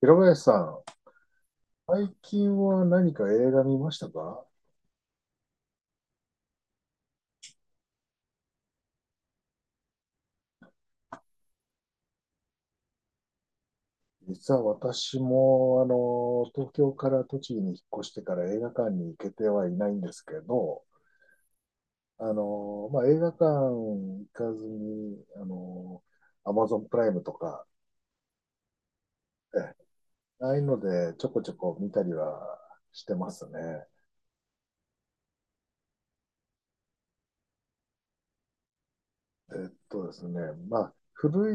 平林さん、最近は何か映画見ましたか？実は私も、東京から栃木に引っ越してから映画館に行けてはいないんですけど、まあ、映画館行かずに、アマゾンプライムとか、ええ、ああいうのでちょこちょこ見たりはしてますね。えっとですね、まあ、古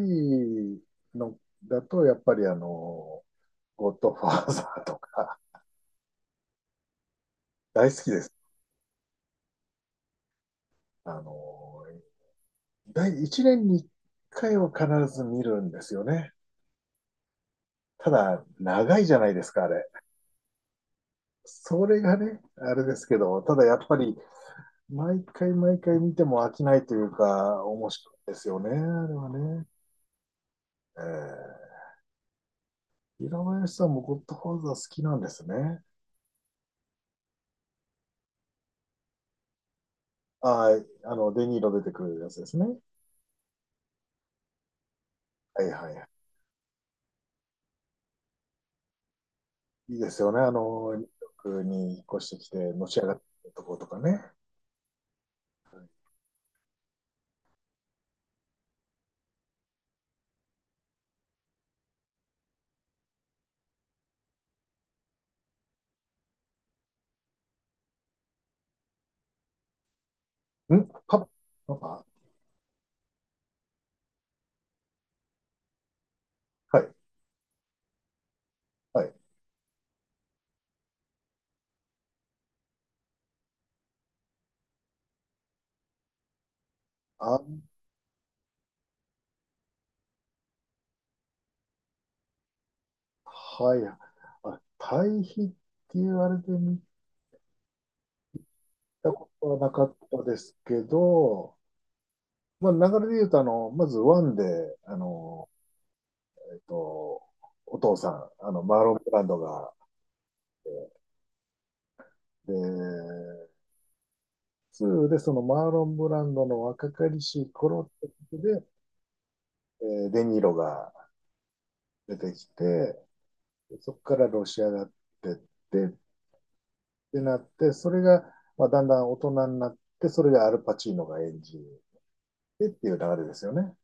いのだと、やっぱりゴッドファーザーとか、大好きです。あの、第1年に1回は必ず見るんですよね。ただ、長いじゃないですか、あれ。それがね、あれですけど、ただやっぱり、毎回毎回見ても飽きないというか、面白いですよね、あれはね。えー、平林さんもゴッドファーザー好きなんですね。ああ、デニーロ出てくるやつですね。はいはいはい。いいですよね、ニューヨークに引っ越してきて、のし上がってるところとかね。んパパパパ。はい、はい。あ、はい。あ、対比って言われてみたことはなかったですけど、まあ、流れで言うと、まずワンで、あの、えっと、お父さん、マーロン・ブランドが、で、ツーでそのマーロン・ブランドの若かりしい頃ってことで、デ・ニーロが出てきて、そこからロシアがてっってなって、それが、まあ、だんだん大人になって、それがアルパチーノが演じるでっていう流れですよね。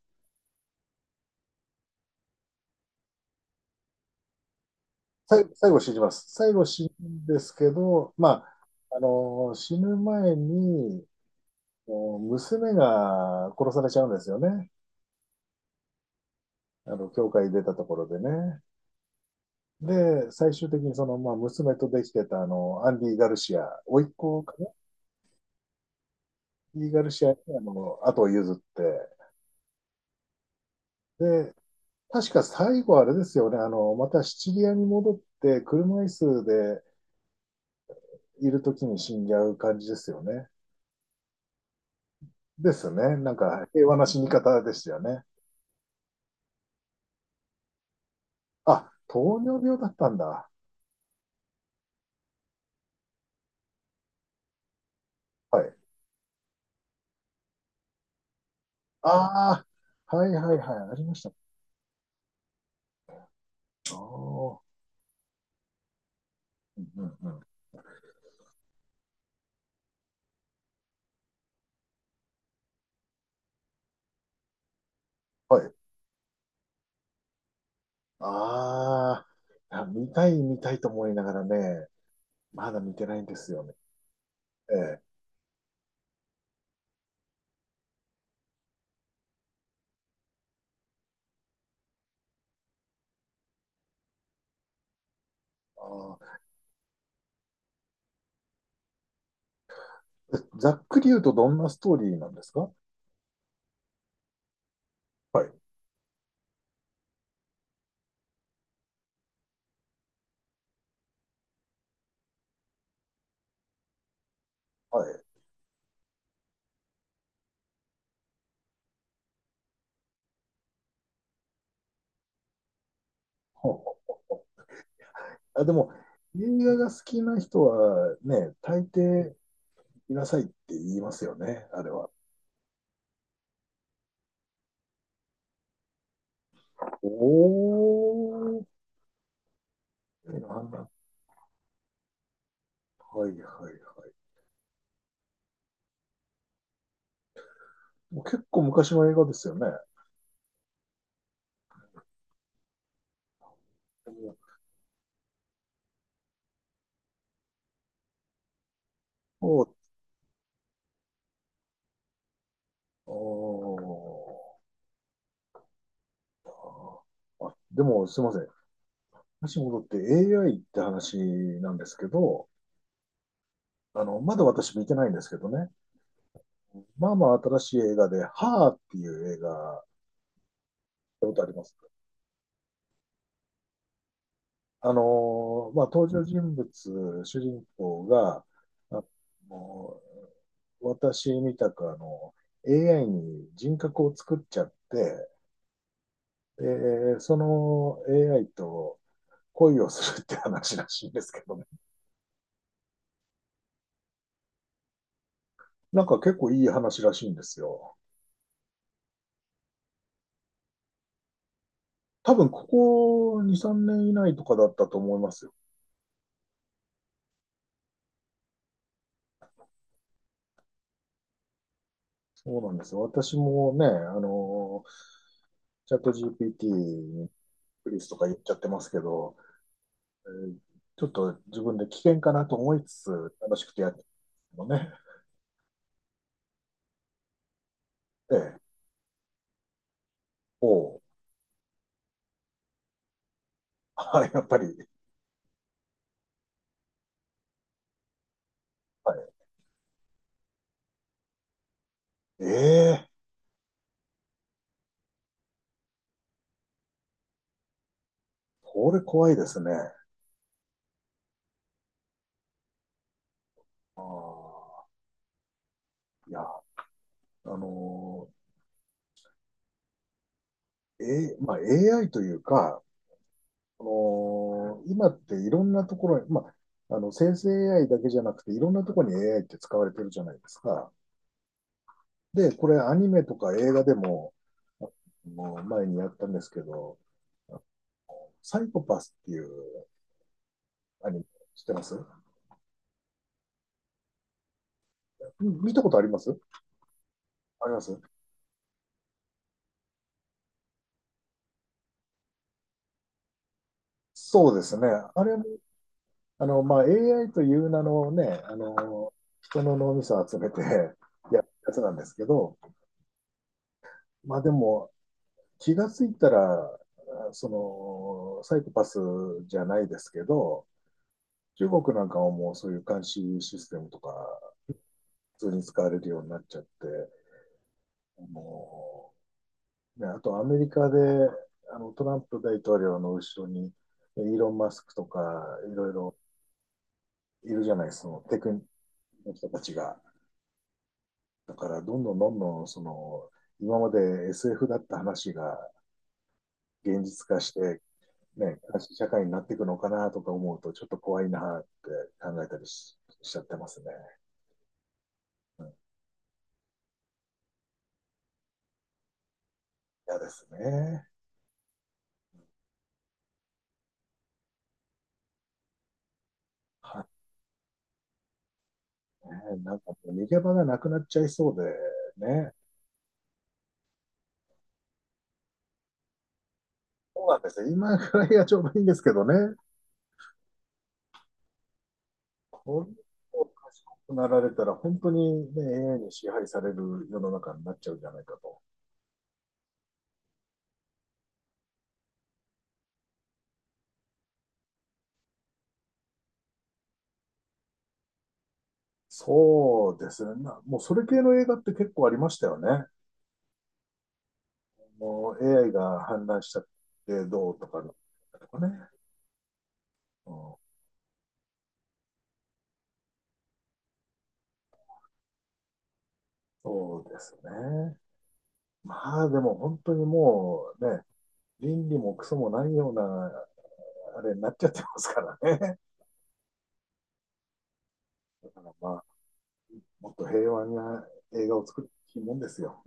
最後死にます。最後死ぬんですけど、まあ、死ぬ前に、娘が殺されちゃうんですよね。教会出たところでね。で、最終的にその、まあ、娘とできてた、アンディ・ガルシア、甥っ子かな、アンディ・ガルシアに、後を譲って、で、確か最後あれですよね、またシチリアに戻って、車椅子でいるときに死んじゃう感じですよね。ですね。なんか平和な死に方でしたよね。あ、糖尿病だったんだ。はい。ああ、はいはいはい、ありました。ああ、うんうんうん。はい。ああ、いや、見たい見たいと思いながらね、まだ見てないんですよね。ええ。ああ、ざっくり言うとどんなストーリーなんですか？はい。はい。ほうほう、あ、でも、映画が好きな人はね、大抵見なさいって言いますよね、あれは。おー、の判断。はいはいはい。もう結構昔の映画ですよね。おあーあ、でもすいません。話に戻って AI って話なんですけど、まだ私見てないんですけどね。まあまあ新しい映画で、ハーっていう映画、見たことあります？あのまあ、登場人物、主人公が、あのー私みたくAI に人格を作っちゃって、で、その AI と恋をするって話らしいんですけどね。なんか結構いい話らしいんですよ。多分ここ2、3年以内とかだったと思いますよ。そうなんですよ。私もね、の、チャット GPT にプリスとか言っちゃってますけど、えーちょっと自分で危険かなと思いつつ、楽しくてやってるのね。ええ、おう、あ、やっぱり、はい、ええー、これ怖いですね。ああ、いや、のまあ、AI というか、この今っていろんなところに、まあ、生成 AI だけじゃなくて、いろんなところに AI って使われてるじゃないですか。で、これアニメとか映画でも、もう前にやったんですけど、サイコパスっていうアニメ知ってます？見たことあります？あります？そうですね。あれも、まあ、AI という名のね、人の脳みそを集めてやるやつなんですけど、まあでも、気がついたら、そのサイコパスじゃないですけど、中国なんかはもうそういう監視システムとか、普通に使われるようになっちゃって、もうね、あとアメリカであのトランプ大統領の後ろに、ねイーロン・マスクとか、いろいろいるじゃないですか、そのテクニックの人たちが。だから、どんどんどんどん、その、今まで SF だった話が現実化して、ね、正しい社会になっていくのかなとか思うと、ちょっと怖いなって考えたりしちゃってますね。嫌ですね。はい、ね、なんか逃げ場がなくなっちゃいそうでね。そうなんですよ。今ぐらいがちょうどいいんですけどね。本当に賢くなられたら、本当に、ね、AI に支配される世の中になっちゃうんじゃないかと。そうですね。もうそれ系の映画って結構ありましたよね。もう AI が氾濫しちゃってどうとかね。とかね。うん、そうですね。まあでも本当にもうね、倫理もクソもないようなあれになっちゃってますからね。だからまあ、もっと平和な映画を作るもんですよ。